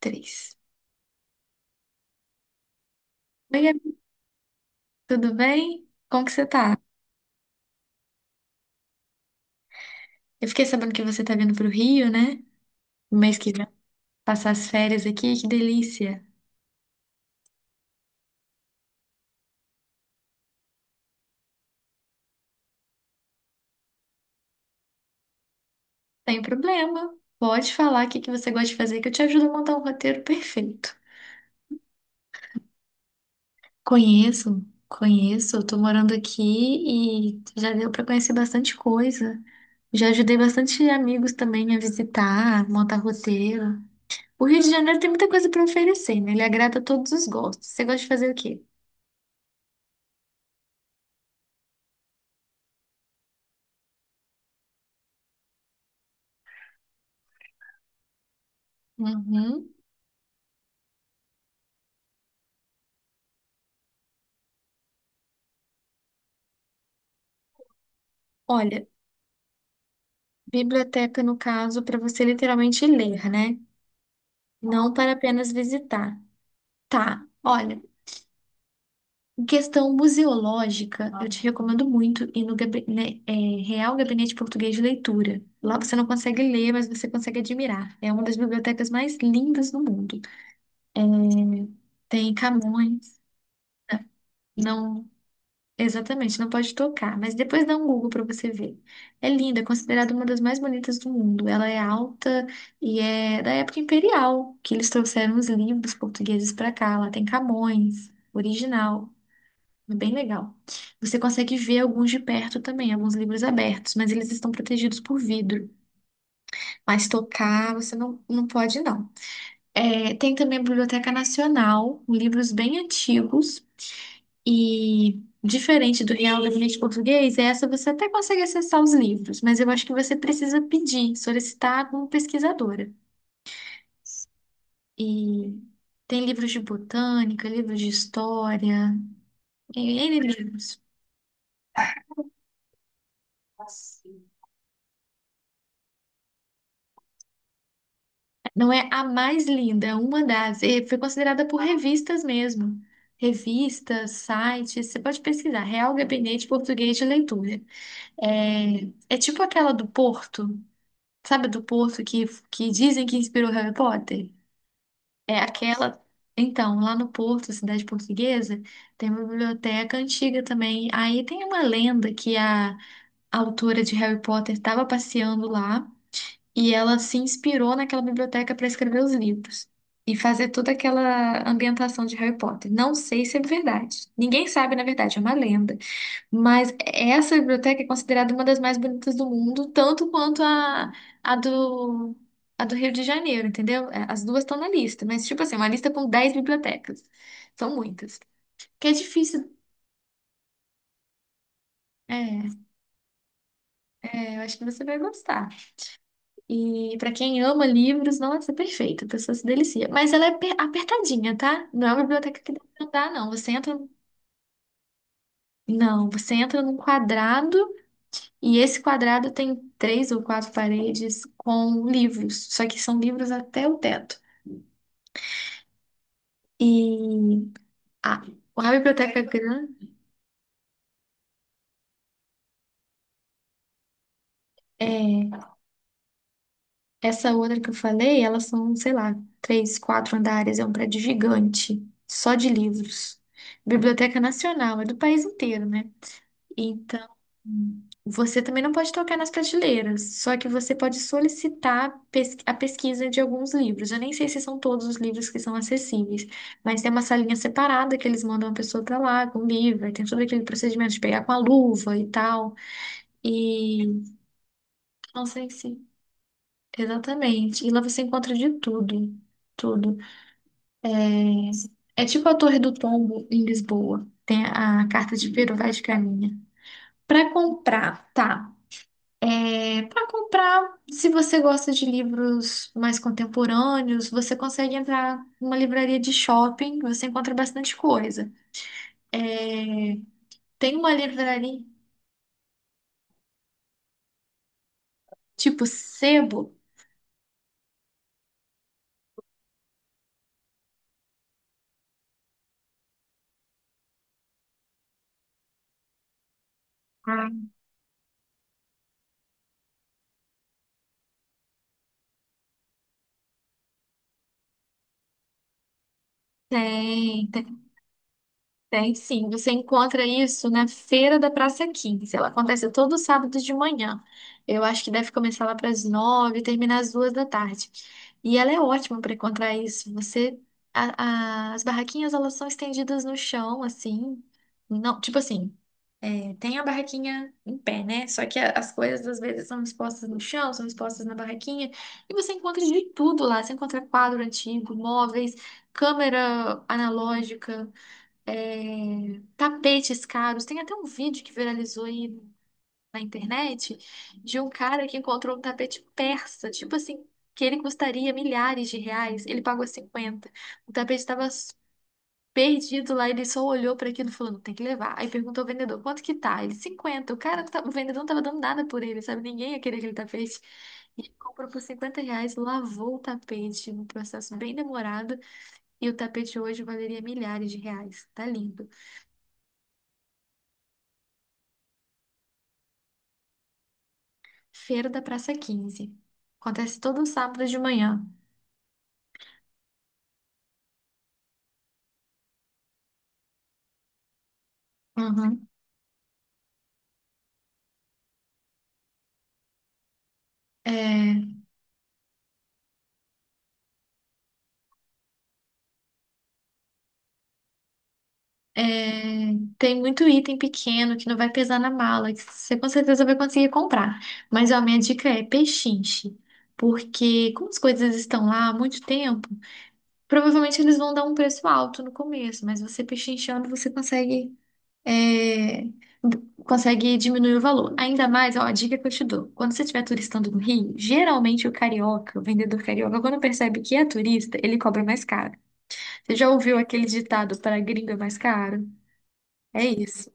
Três. Oi, Gabi, tudo bem? Como que você tá? Eu fiquei sabendo que você tá vindo pro Rio, né? No mês que vem, passar as férias aqui, que delícia. Sem problema. Pode falar o que que você gosta de fazer, que eu te ajudo a montar um roteiro perfeito. Conheço, conheço. Eu tô morando aqui e já deu pra conhecer bastante coisa. Já ajudei bastante amigos também a visitar, montar roteiro. O Rio de Janeiro tem muita coisa pra oferecer, né? Ele agrada a todos os gostos. Você gosta de fazer o quê? Uhum. Olha, biblioteca, no caso, para você literalmente ler, né? Não para apenas visitar. Tá, olha, em questão museológica, eu te recomendo muito ir no Real Gabinete Português de Leitura. Lá você não consegue ler, mas você consegue admirar. É uma das bibliotecas mais lindas do mundo. Tem Camões. Não. Exatamente, não pode tocar, mas depois dá um Google para você ver. É linda, é considerada uma das mais bonitas do mundo. Ela é alta e é da época imperial, que eles trouxeram os livros portugueses para cá. Lá tem Camões original, é bem legal. Você consegue ver alguns de perto também, alguns livros abertos, mas eles estão protegidos por vidro. Mas tocar você não, não pode, não. É, tem também a Biblioteca Nacional, livros bem antigos. E diferente do Real Gabinete Português, essa você até consegue acessar os livros, mas eu acho que você precisa pedir, solicitar como pesquisadora. E tem livros de botânica, livros de história, tem N livros. Não é a mais linda, é uma das. E foi considerada por revistas mesmo. Revistas, sites, você pode pesquisar. Real Gabinete Português de Leitura. É, é tipo aquela do Porto. Sabe a do Porto que dizem que inspirou Harry Potter? É aquela. Então, lá no Porto, cidade portuguesa, tem uma biblioteca antiga também. Aí tem uma lenda que a autora de Harry Potter estava passeando lá e ela se inspirou naquela biblioteca para escrever os livros e fazer toda aquela ambientação de Harry Potter. Não sei se é verdade. Ninguém sabe, na verdade, é uma lenda. Mas essa biblioteca é considerada uma das mais bonitas do mundo, tanto quanto a do, a do Rio de Janeiro, entendeu? É, as duas estão na lista, mas tipo assim, uma lista com 10 bibliotecas. São muitas. Que é difícil. É, eu acho que você vai gostar. E pra quem ama livros, nossa, é perfeito, a pessoa se delicia. Mas ela é apertadinha, tá? Não é uma biblioteca que dá pra andar, não. Você entra. Não, você entra num quadrado. E esse quadrado tem três ou quatro paredes com livros, só que são livros até o teto. E a, a biblioteca grande. É. Essa outra que eu falei, elas são, sei lá, três, quatro andares, é um prédio gigante, só de livros. Biblioteca Nacional, é do país inteiro, né? Então, você também não pode tocar nas prateleiras, só que você pode solicitar a pesquisa de alguns livros. Eu nem sei se são todos os livros que são acessíveis, mas tem uma salinha separada que eles mandam a pessoa pra lá com o livro, aí tem todo aquele procedimento de pegar com a luva e tal. E não sei se. Exatamente. E lá você encontra de tudo. Tudo. É, é tipo a Torre do Tombo em Lisboa. Tem a carta de Pero Vaz de Caminha. Para comprar, tá. É, para comprar, se você gosta de livros mais contemporâneos, você consegue entrar numa livraria de shopping, você encontra bastante coisa. É, tem uma livraria tipo Sebo? Ah, tem, tem. Tem sim, você encontra isso na Feira da Praça Quinze. Ela acontece todo sábado de manhã. Eu acho que deve começar lá para as 9 e terminar às 2 da tarde. E ela é ótima para encontrar isso. Você, as barraquinhas elas são estendidas no chão, assim. Não, tipo assim, é, tem a barraquinha em pé, né? Só que as coisas às vezes são expostas no chão, são expostas na barraquinha. E você encontra de tudo lá. Você encontra quadro antigo, móveis, câmera analógica, é, tapetes caros. Tem até um vídeo que viralizou aí na internet de um cara que encontrou um tapete persa, tipo assim, que ele custaria milhares de reais, ele pagou 50. O tapete estava perdido lá, ele só olhou para aquilo e falou, não, tem que levar. Aí perguntou ao vendedor, quanto que tá? Ele, 50. O cara, o vendedor não estava dando nada por ele, sabe? Ninguém ia querer aquele tapete. E ele comprou por R$ 50, lavou o tapete, um processo bem demorado, e o tapete hoje valeria milhares de reais. Tá lindo. Feira da Praça Quinze. Acontece todo sábado de manhã. Uhum. É, tem muito item pequeno que não vai pesar na mala, que você com certeza vai conseguir comprar. Mas ó, minha dica é pechinche, porque como as coisas estão lá há muito tempo, provavelmente eles vão dar um preço alto no começo, mas você pechinchando você é, consegue diminuir o valor. Ainda mais, ó, a dica que eu te dou. Quando você estiver turistando no Rio, geralmente o carioca, o vendedor carioca, quando percebe que é turista, ele cobra mais caro. Você já ouviu aquele ditado para gringo é mais caro? É isso.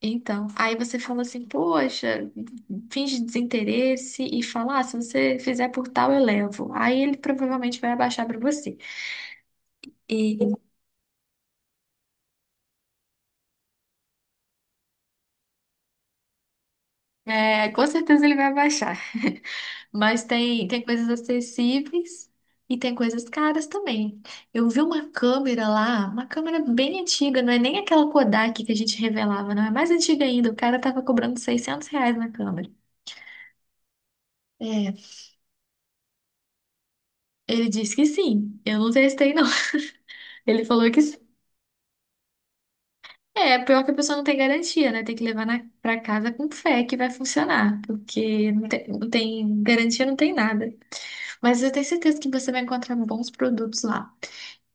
Então, aí você fala assim, poxa, finge desinteresse e fala, ah, se você fizer por tal, eu levo. Aí ele provavelmente vai abaixar para você. É, com certeza ele vai baixar. Mas tem coisas acessíveis e tem coisas caras também. Eu vi uma câmera lá, uma câmera bem antiga, não é nem aquela Kodak que a gente revelava, não é mais antiga ainda. O cara tava cobrando R$ 600 na câmera. É, ele disse que sim. Eu não testei, não. Ele falou que sim. É, pior que a pessoa não tem garantia, né? Tem que levar na, pra casa com fé que vai funcionar, porque não tem, não tem garantia, não tem nada. Mas eu tenho certeza que você vai encontrar bons produtos lá.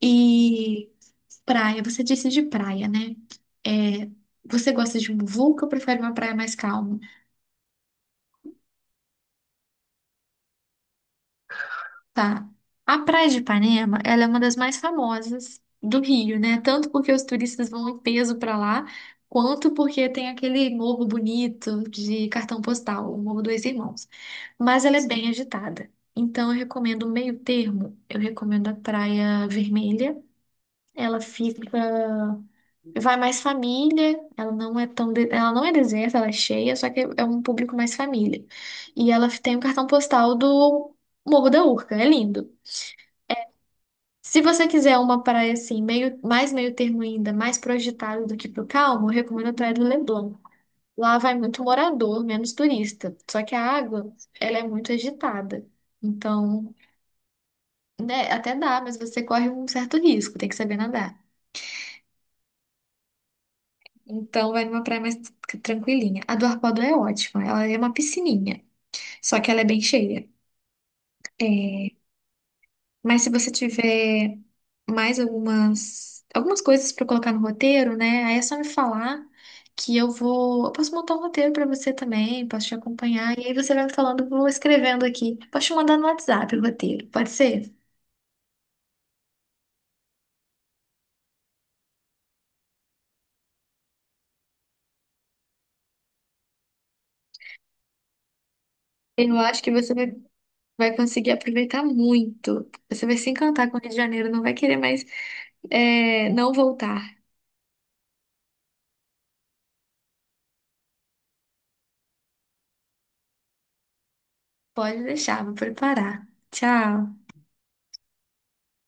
E praia, você disse de praia, né? É, você gosta de muvuca ou prefere uma praia mais calma? Tá. A Praia de Ipanema, ela é uma das mais famosas do Rio, né? Tanto porque os turistas vão em peso pra lá, quanto porque tem aquele morro bonito de cartão postal, o Morro dos Irmãos. Mas ela é bem agitada. Então, eu recomendo o meio termo. Eu recomendo a Praia Vermelha. Ela fica. Vai mais família, ela não é tão, ela não é deserta, ela é cheia, só que é um público mais família. E ela tem o cartão postal do Morro da Urca, é lindo. Se você quiser uma praia assim, meio, mais meio termo ainda, mais pro agitado do que pro calmo, eu recomendo a Praia do Leblon. Lá vai muito morador, menos turista. Só que a água, ela é muito agitada. Então, né, até dá, mas você corre um certo risco, tem que saber nadar. Então vai numa praia mais tranquilinha. A do Arpoador é ótima, ela é uma piscininha, só que ela é bem cheia. É, mas se você tiver mais algumas coisas para colocar no roteiro, né? Aí é só me falar que eu vou, eu posso montar um roteiro para você também, posso te acompanhar e aí você vai me falando, eu vou escrevendo aqui. Posso te mandar no WhatsApp o roteiro, pode ser? Eu acho que você vai conseguir aproveitar muito. Você vai se encantar com o Rio de Janeiro, não vai querer mais não voltar. Pode deixar, vou preparar. Tchau.